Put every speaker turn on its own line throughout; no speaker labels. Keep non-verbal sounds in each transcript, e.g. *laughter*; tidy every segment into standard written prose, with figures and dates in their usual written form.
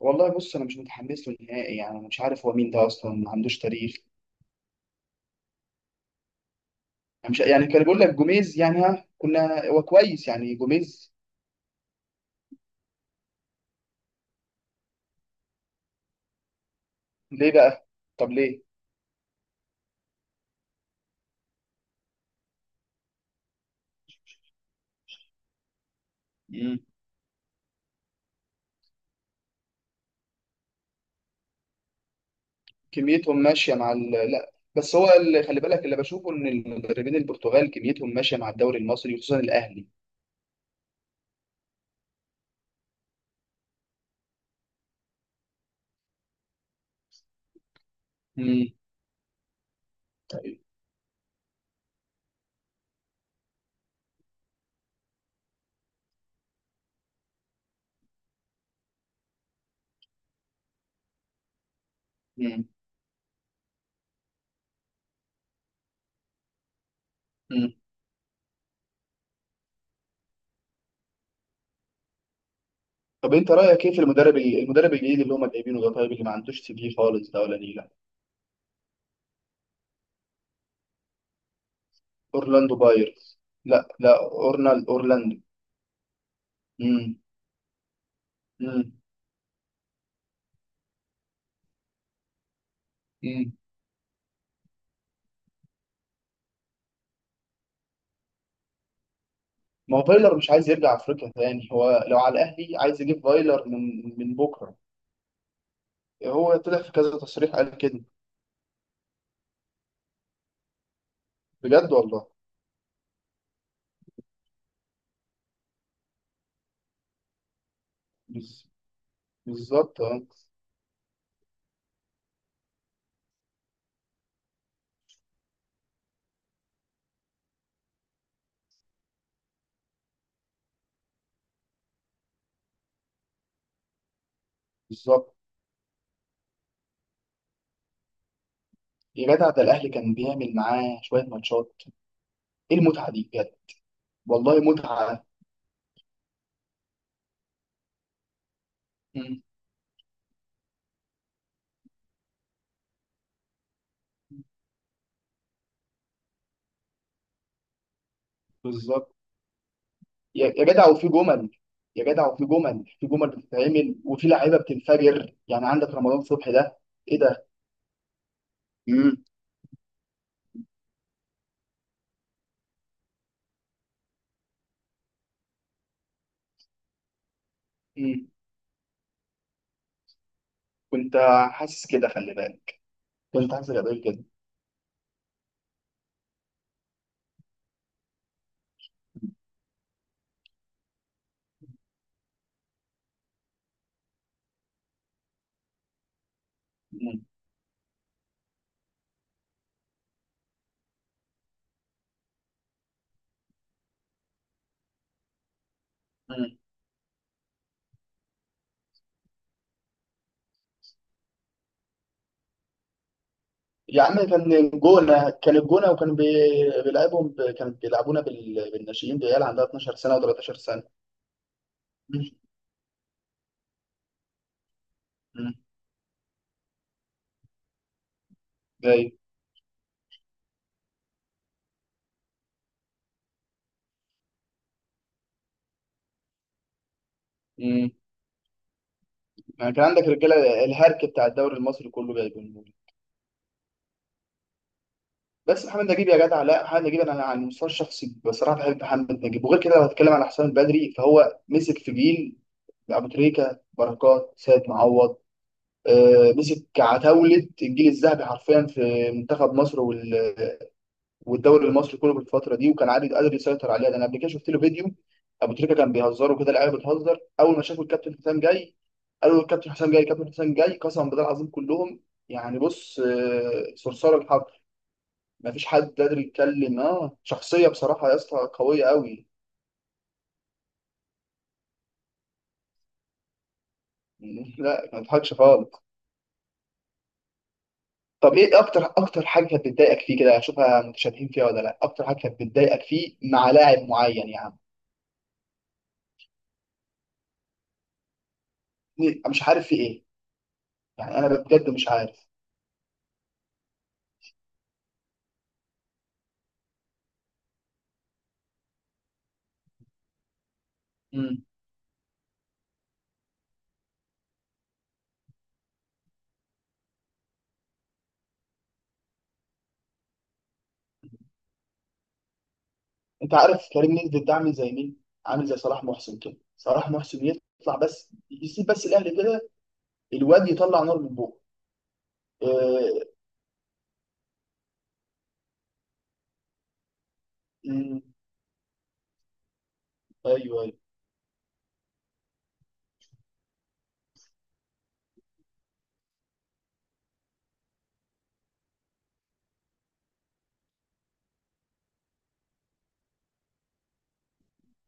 والله، بص، انا مش متحمس له نهائي. يعني انا مش عارف هو مين ده اصلا، ما عندوش تاريخ. انا مش يعني كان بيقول لك جوميز، يعني ها كنا هو كويس، يعني جوميز. ليه بقى؟ طب ليه؟ مم. كميتهم ماشيه مع لا، بس هو اللي خلي بالك، اللي بشوفه ان المدربين البرتغال كميتهم ماشيه مع الدوري المصري، وخصوصا الاهلي. امم. طيب. امم. امم. طب انت رايك ايه في المدرب المدرب الجديد اللي هم جايبينه ده؟ طيب، اللي ما عندوش CV خالص ده، ولا نيله؟ اورلاندو بايرز. لا، لا، اورلاندو. امم. مم. ما هو فايلر مش عايز يرجع افريقيا تاني، هو لو على الاهلي عايز يجيب فايلر من بكره. هو طلع في كذا تصريح قال كده. بجد والله. بز- بالظبط، اه. بالظبط. يا جدع، ده الاهلي كان بيعمل معاه شويه ماتشات، ايه المتعه دي بجد؟ والله متعه. مم. بالظبط. يا جدع، وفي جمل يا جدع وفي جمل في جمل بتتعمل، وفي لعيبه بتنفجر، يعني عندك رمضان صبحي ده. ايه ده؟ مم. مم. كنت حاسس كده، خلي بالك. كنت حاسس كده كده. مم. يا عم، كان الجونة، وكان بيلعبهم كان بيلعبونا بالناشئين، بعيال عندها 12 سنة و13 سنة. مم. مم. جاي. مم. يعني كان عندك رجالة الهرك بتاع الدوري المصري كله جايبين. بس محمد نجيب يا جدع، لا، محمد نجيب انا على المستوى الشخصي بصراحة بحب محمد نجيب، وغير كده لو هتكلم على حسام البدري فهو مسك في جيل ابو تريكة، بركات، سيد معوض. مسك عتاولة الجيل الذهبي حرفيا في منتخب مصر والدوري المصري كله في الفتره دي، وكان عادي قادر يسيطر عليها. ده انا قبل كده شفت له فيديو، ابو تريكه كان بيهزروا كده، اللعيبه بتهزر اول ما شافوا الكابتن حسام جاي، قالوا الكابتن حسام جاي، الكابتن حسام جاي، قسما بالله العظيم كلهم. يعني بص، صرصار الحق، ما فيش حد قادر يتكلم. اه شخصيه بصراحه يا اسطى، قويه قوي. *laughs* لا، ما تضحكش خالص. طب ايه اكتر حاجه كانت بتضايقك فيه كده؟ اشوفها متشابهين فيها ولا لا؟ اكتر حاجه كانت بتضايقك فيه مع لاعب معين يعني. مش عارف في ايه، يعني انا بجد مش عارف. مم. انت عارف كريم نيدفيد ده عامل زي مين؟ عامل زي صلاح محسن كده، صلاح محسن يطلع بس يسيب بس الاهلي كده. الواد يطلع نار من بوقه. آه. مم. ايوه، ايوه.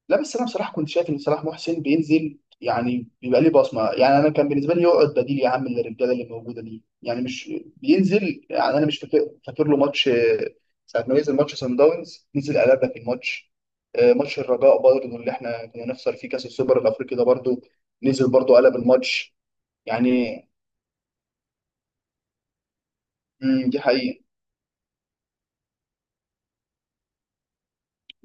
لا، بس انا بصراحه كنت شايف ان صلاح محسن بينزل يعني بيبقى ليه بصمه، يعني انا كان بالنسبه لي يقعد بديل يا عم للرجاله اللي موجوده دي، يعني مش بينزل. يعني انا مش فاكر له ماتش، ساعه ما نزل ماتش سان داونز، نزل قلبنا في الماتش. ماتش الرجاء برضه اللي احنا كنا نخسر فيه كاس السوبر الافريقي ده، برضه نزل برضه قلب الماتش يعني. امم، دي حقيقة.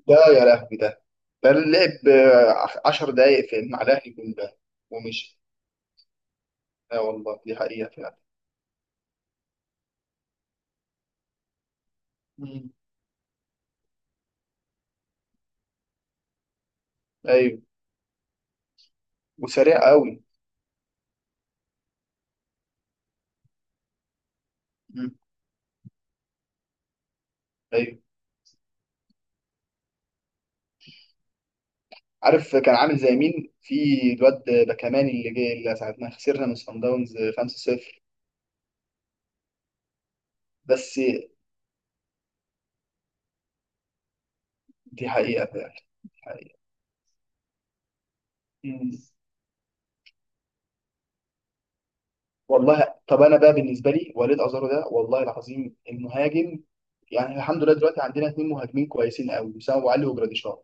ده يا لهوي ده! ده اللعب عشر دقايق في مع الأهلي، الجون ده. ومشي. لا والله، دي حقيقة فعلا. امم. أيوه. وسريع قوي. امم. أيوه. عارف كان عامل زي مين في الواد باكاماني اللي جه، اللي ساعتنا خسرنا من صن داونز 5-0. بس دي حقيقة فعلا، دي حقيقة. مم. والله، طب أنا بقى بالنسبة لي وليد أزارو ده والله العظيم المهاجم، يعني الحمد لله دلوقتي عندنا اتنين مهاجمين كويسين قوي، وسام أبو علي وجراديشار.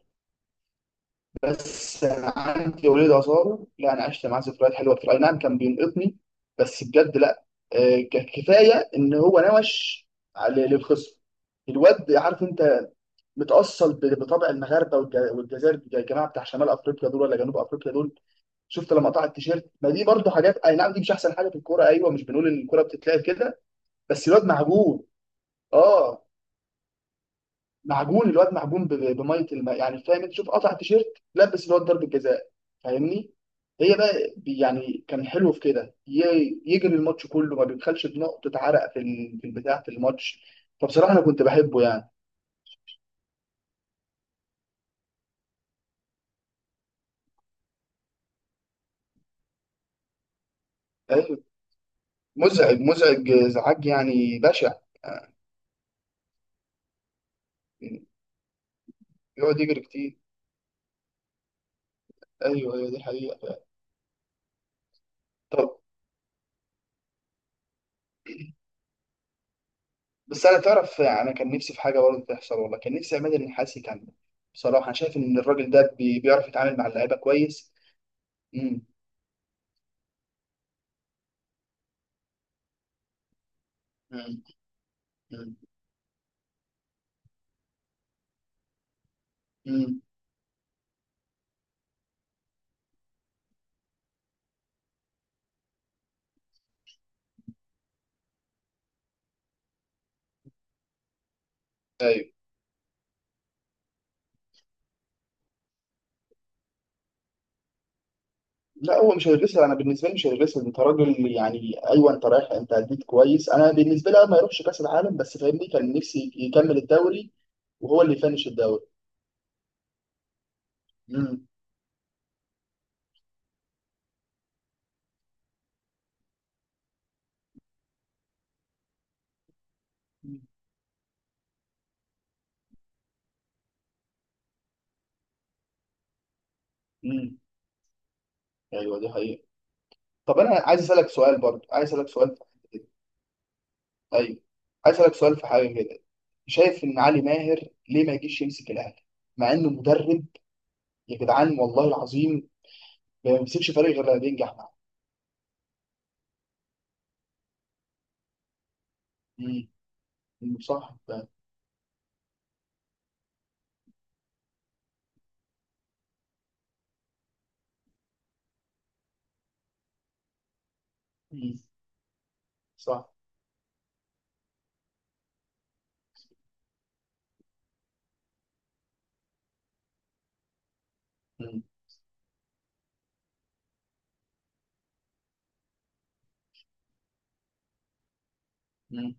بس انا عندي وليد عصاره، لا، انا عشت معاه ذكريات حلوه كتير، اي نعم كان بينقطني بس بجد لا. كفايه ان هو نوش على للخصم. الواد عارف انت، متاصل بطبع المغاربه والجزائر، الجماعه بتاع شمال افريقيا دول ولا جنوب افريقيا دول. شفت لما قطع التيشيرت؟ ما دي برضو حاجات، اي نعم دي مش احسن حاجه في الكوره، ايوه مش بنقول ان الكوره بتتلعب كده. بس الواد معجون. اه، معجون، الواد معجون بميه الماء يعني. فاهم انت؟ شوف، قطع تيشيرت، لبس الواد ضربه جزاء، فاهمني؟ هي بقى يعني كان حلو في كده يجري الماتش كله، ما بيبخلش بنقطه عرق في في البتاع في الماتش. فبصراحه انا كنت بحبه يعني. ايوه، مزعج، مزعج، ازعاج يعني بشع. يعني يقعد يجري كتير. ايوه ايوه، دي حقيقه. طب، بس انا تعرف، انا كان نفسي في حاجه برضه تحصل والله، كان نفسي عماد النحاس يكمل. بصراحه انا شايف ان الراجل ده بيعرف يتعامل مع اللعيبه كويس. امم. مم. مم. ايوه. لا، هو مش هيغسل، انا بالنسبه لي مش هيغسل. انت راجل يعني، ايوه انت رايح، انت اديت كويس. انا بالنسبه لي، أنا ما يروحش كاس العالم، بس فاهمني كان نفسي يكمل الدوري وهو اللي يفنش الدوري. امم. امم. ايوه، دي حقيقه. طب انا عايز اسالك سؤال برضه، عايز اسالك سؤال في حاجه كده. ايوه. عايز اسالك سؤال في حاجه كده. شايف ان علي ماهر ليه ما يجيش يمسك الاهلي، مع انه مدرب؟ يا جدعان والله العظيم، ما بيمسكش فريق غير لما بينجح معاه. امم، صح فعلا. مم. صح. مم.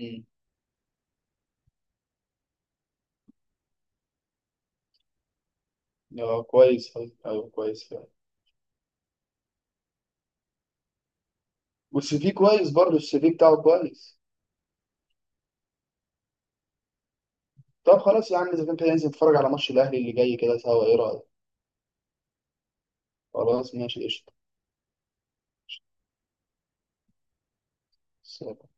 مم. اه، كويس أوي. ايوه، كويس فعلا. والسي في كويس برضه، السي في بتاعه كويس. طب خلاص يا عم، اذا كان كده ننزل نتفرج على ماتش الاهلي اللي جاي كده سوا، ايه رايك؟ خلاص ماشي. قشطه.